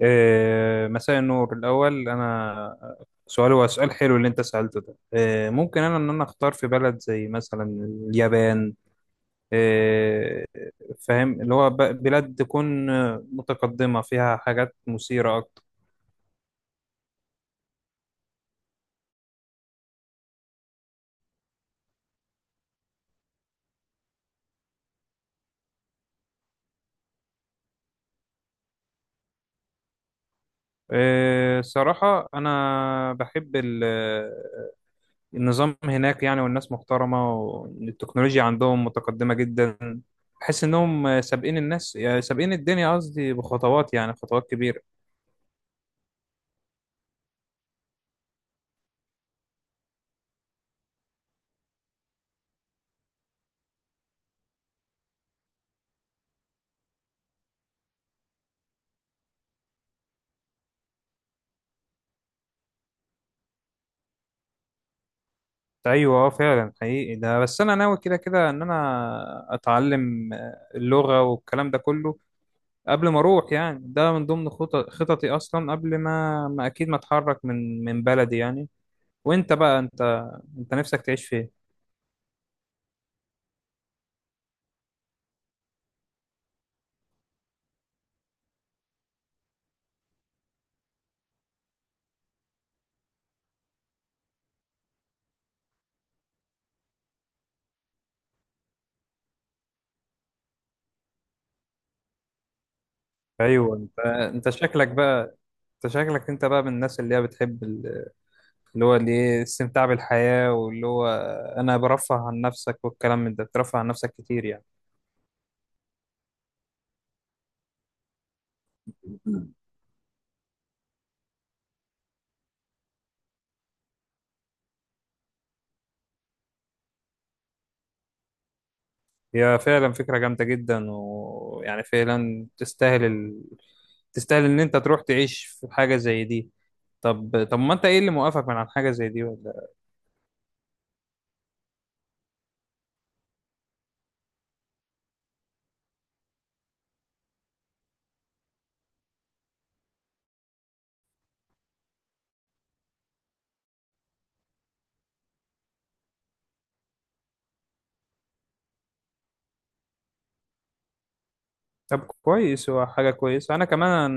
مساء النور. الأول أنا سؤال، هو سؤال حلو اللي أنت سألته ده. ممكن أنا، إن أنا أختار في بلد زي مثلا اليابان. إيه، فاهم اللي هو بلاد تكون متقدمة فيها حاجات مثيرة أكتر. صراحة أنا بحب النظام هناك، يعني والناس محترمة والتكنولوجيا عندهم متقدمة جدا. بحس إنهم سابقين الناس، يعني سابقين الدنيا، قصدي بخطوات، يعني خطوات كبيرة. ايوه فعلا حقيقي ده، بس انا ناوي كده كده ان انا اتعلم اللغه والكلام ده كله قبل ما اروح، يعني ده من ضمن خطط خططي اصلا قبل ما اكيد ما اتحرك من بلدي يعني. وانت بقى انت نفسك تعيش فين؟ ايوه انت شكلك بقى، انت شكلك بقى من الناس اللي هي بتحب اللي هو اللي ايه، الاستمتاع بالحياه واللي هو انا برفه عن نفسك والكلام من ده، بترفه عن نفسك كتير يعني. هي فعلا فكرة جامدة جدا، ويعني فعلا تستاهل ان انت تروح تعيش في حاجة زي دي. طب ما انت ايه اللي موقفك من عن حاجة زي دي ولا؟ طب كويس، هو حاجة كويسة. انا كمان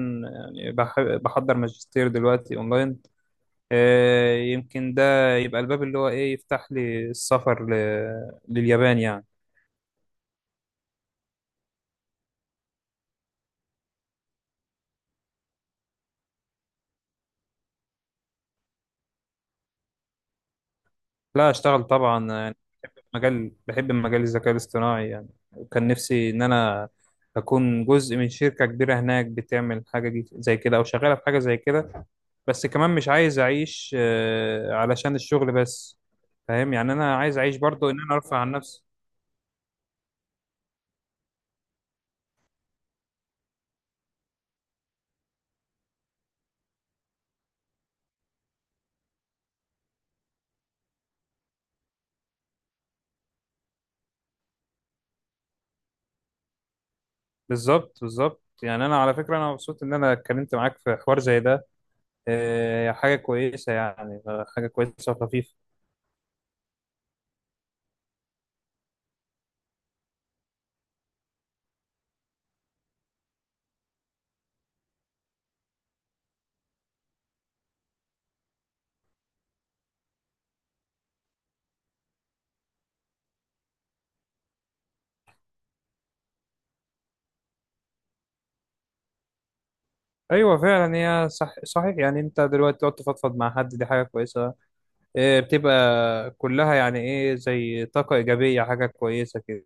يعني بحضر ماجستير دلوقتي اونلاين. يمكن ده يبقى الباب اللي هو ايه، يفتح لي السفر لليابان يعني. لا اشتغل طبعا، مجال بحب مجال الذكاء الاصطناعي يعني، وكان نفسي إن أنا أكون جزء من شركة كبيرة هناك بتعمل حاجة دي زي كده، أو شغالة في حاجة زي كده. بس كمان مش عايز أعيش علشان الشغل بس. فاهم يعني، أنا عايز أعيش برضو إن أنا أرفع عن نفسي. بالظبط بالظبط. يعني أنا على فكرة أنا مبسوط إن أنا اتكلمت معاك في حوار زي ده. حاجة كويسة يعني، حاجة كويسة وخفيفة. أيوة فعلا، هي صح صحيح. يعني أنت دلوقتي تقعد تفضفض مع حد، دي حاجة كويسة. بتبقى كلها يعني ايه، زي طاقة إيجابية، حاجة كويسة كده.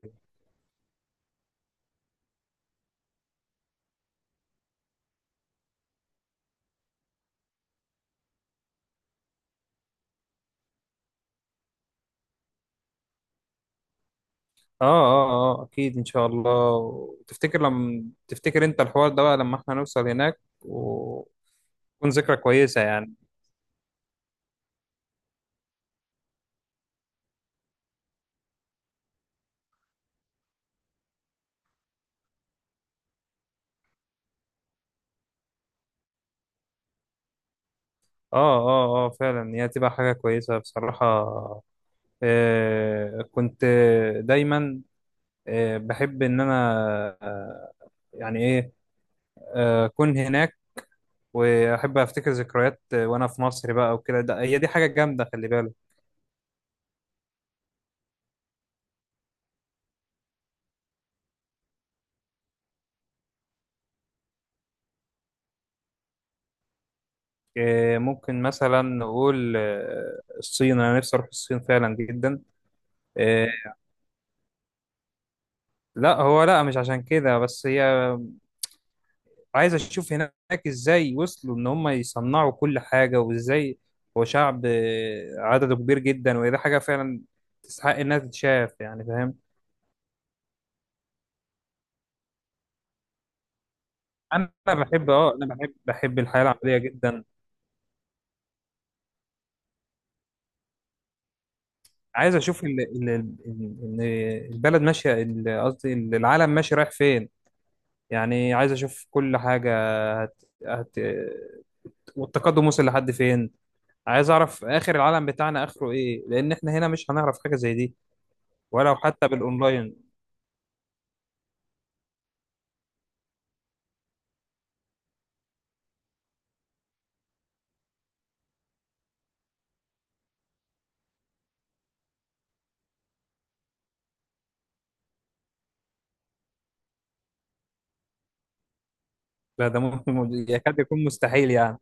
اه اه اه أكيد إن شاء الله. وتفتكر لما تفتكر أنت الحوار ده بقى لما احنا نوصل هناك، وتكون ذكرى كويسة يعني. اه اه اه فعلا، هي تبقى حاجة كويسة بصراحة. كنت دايما بحب إن أنا آه يعني ايه أكون هناك، وأحب أفتكر ذكريات وأنا في مصر بقى وكده هي دي حاجة جامدة، خلي بالك. ممكن مثلا نقول الصين، انا نفسي اروح الصين فعلا جدا. آه، لا هو لا، مش عشان كده بس، هي عايز اشوف هناك ازاي وصلوا ان هم يصنعوا كل حاجة وازاي. هو شعب عدده كبير جدا، وهي دي حاجة فعلا تستحق انها تتشاف يعني، فاهم. انا بحب، اه انا بحب، الحياة العملية جدا. عايز اشوف ال- البلد قصدي العالم ماشي رايح فين، يعني عايز اشوف كل حاجه هت... هت... والتقدم وصل لحد فين. عايز اعرف اخر العالم بتاعنا اخره ايه، لان احنا هنا مش هنعرف حاجه زي دي، ولو حتى بالاونلاين. ده ممكن يكاد يكون مستحيل يعني.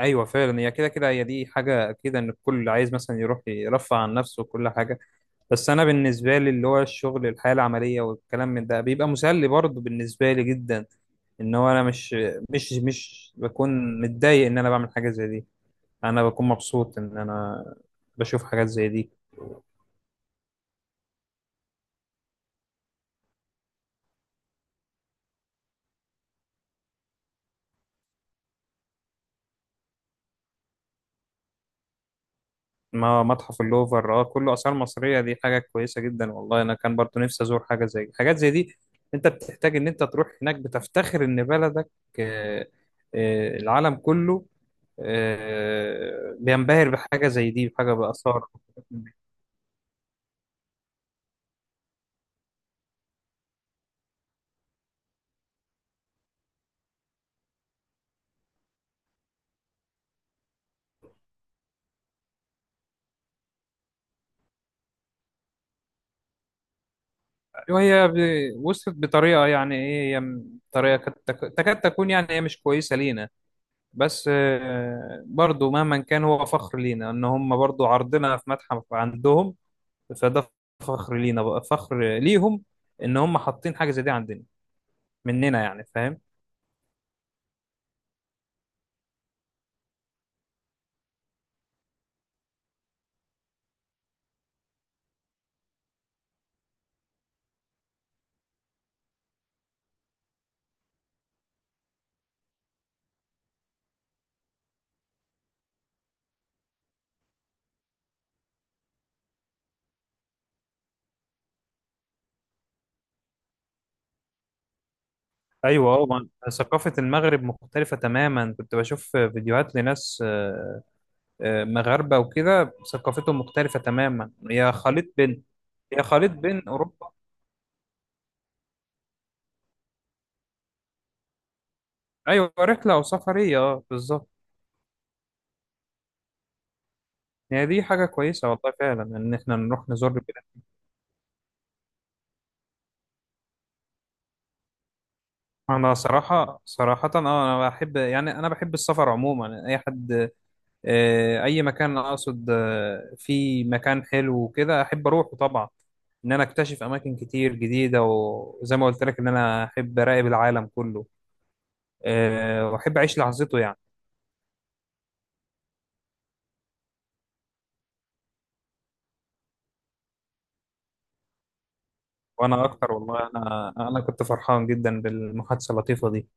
ايوه فعلا، هي كده كده، هي دي حاجه اكيد، ان الكل عايز مثلا يروح يرفع عن نفسه وكل حاجه. بس انا بالنسبه لي اللي هو الشغل، الحياه العمليه والكلام من ده، بيبقى مسلي برضه بالنسبه لي جدا. ان هو انا مش بكون متضايق ان انا بعمل حاجه زي دي، انا بكون مبسوط ان انا بشوف حاجات زي دي. ما متحف اللوفر اه كله اثار مصريه، دي حاجه كويسه جدا. والله انا كان برضو نفسي ازور حاجه، زي حاجات زي دي. انت بتحتاج ان انت تروح هناك بتفتخر ان بلدك، آه، العالم كله بينبهر بحاجه زي دي، بحاجه باثار. وصلت بطريقه يعني ايه، هي تكاد تكون يعني هي مش كويسه لينا. بس برضو مهما كان، هو فخر لينا ان هم برضو عرضنا في متحف عندهم. فده فخر لينا بقى، فخر ليهم ان هم حاطين حاجة زي دي عندنا مننا يعني، فاهم. ايوه اه ثقافة المغرب مختلفة تماما، كنت بشوف فيديوهات لناس مغاربة وكده، ثقافتهم مختلفة تماما، هي خليط بين، هي خليط بين اوروبا. ايوه رحلة او سفرية اه بالظبط. هي دي حاجة كويسة والله فعلا ان احنا نروح نزور. انا صراحه اه انا بحب، يعني انا بحب السفر عموما، اي حد اي مكان اقصد في مكان حلو وكده احب اروحه طبعا، ان انا اكتشف اماكن كتير جديده. وزي ما قلت لك، ان انا احب اراقب العالم كله واحب اعيش لحظته يعني. وانا اكتر، والله انا كنت فرحان جدا بالمحادثه اللطيفه دي.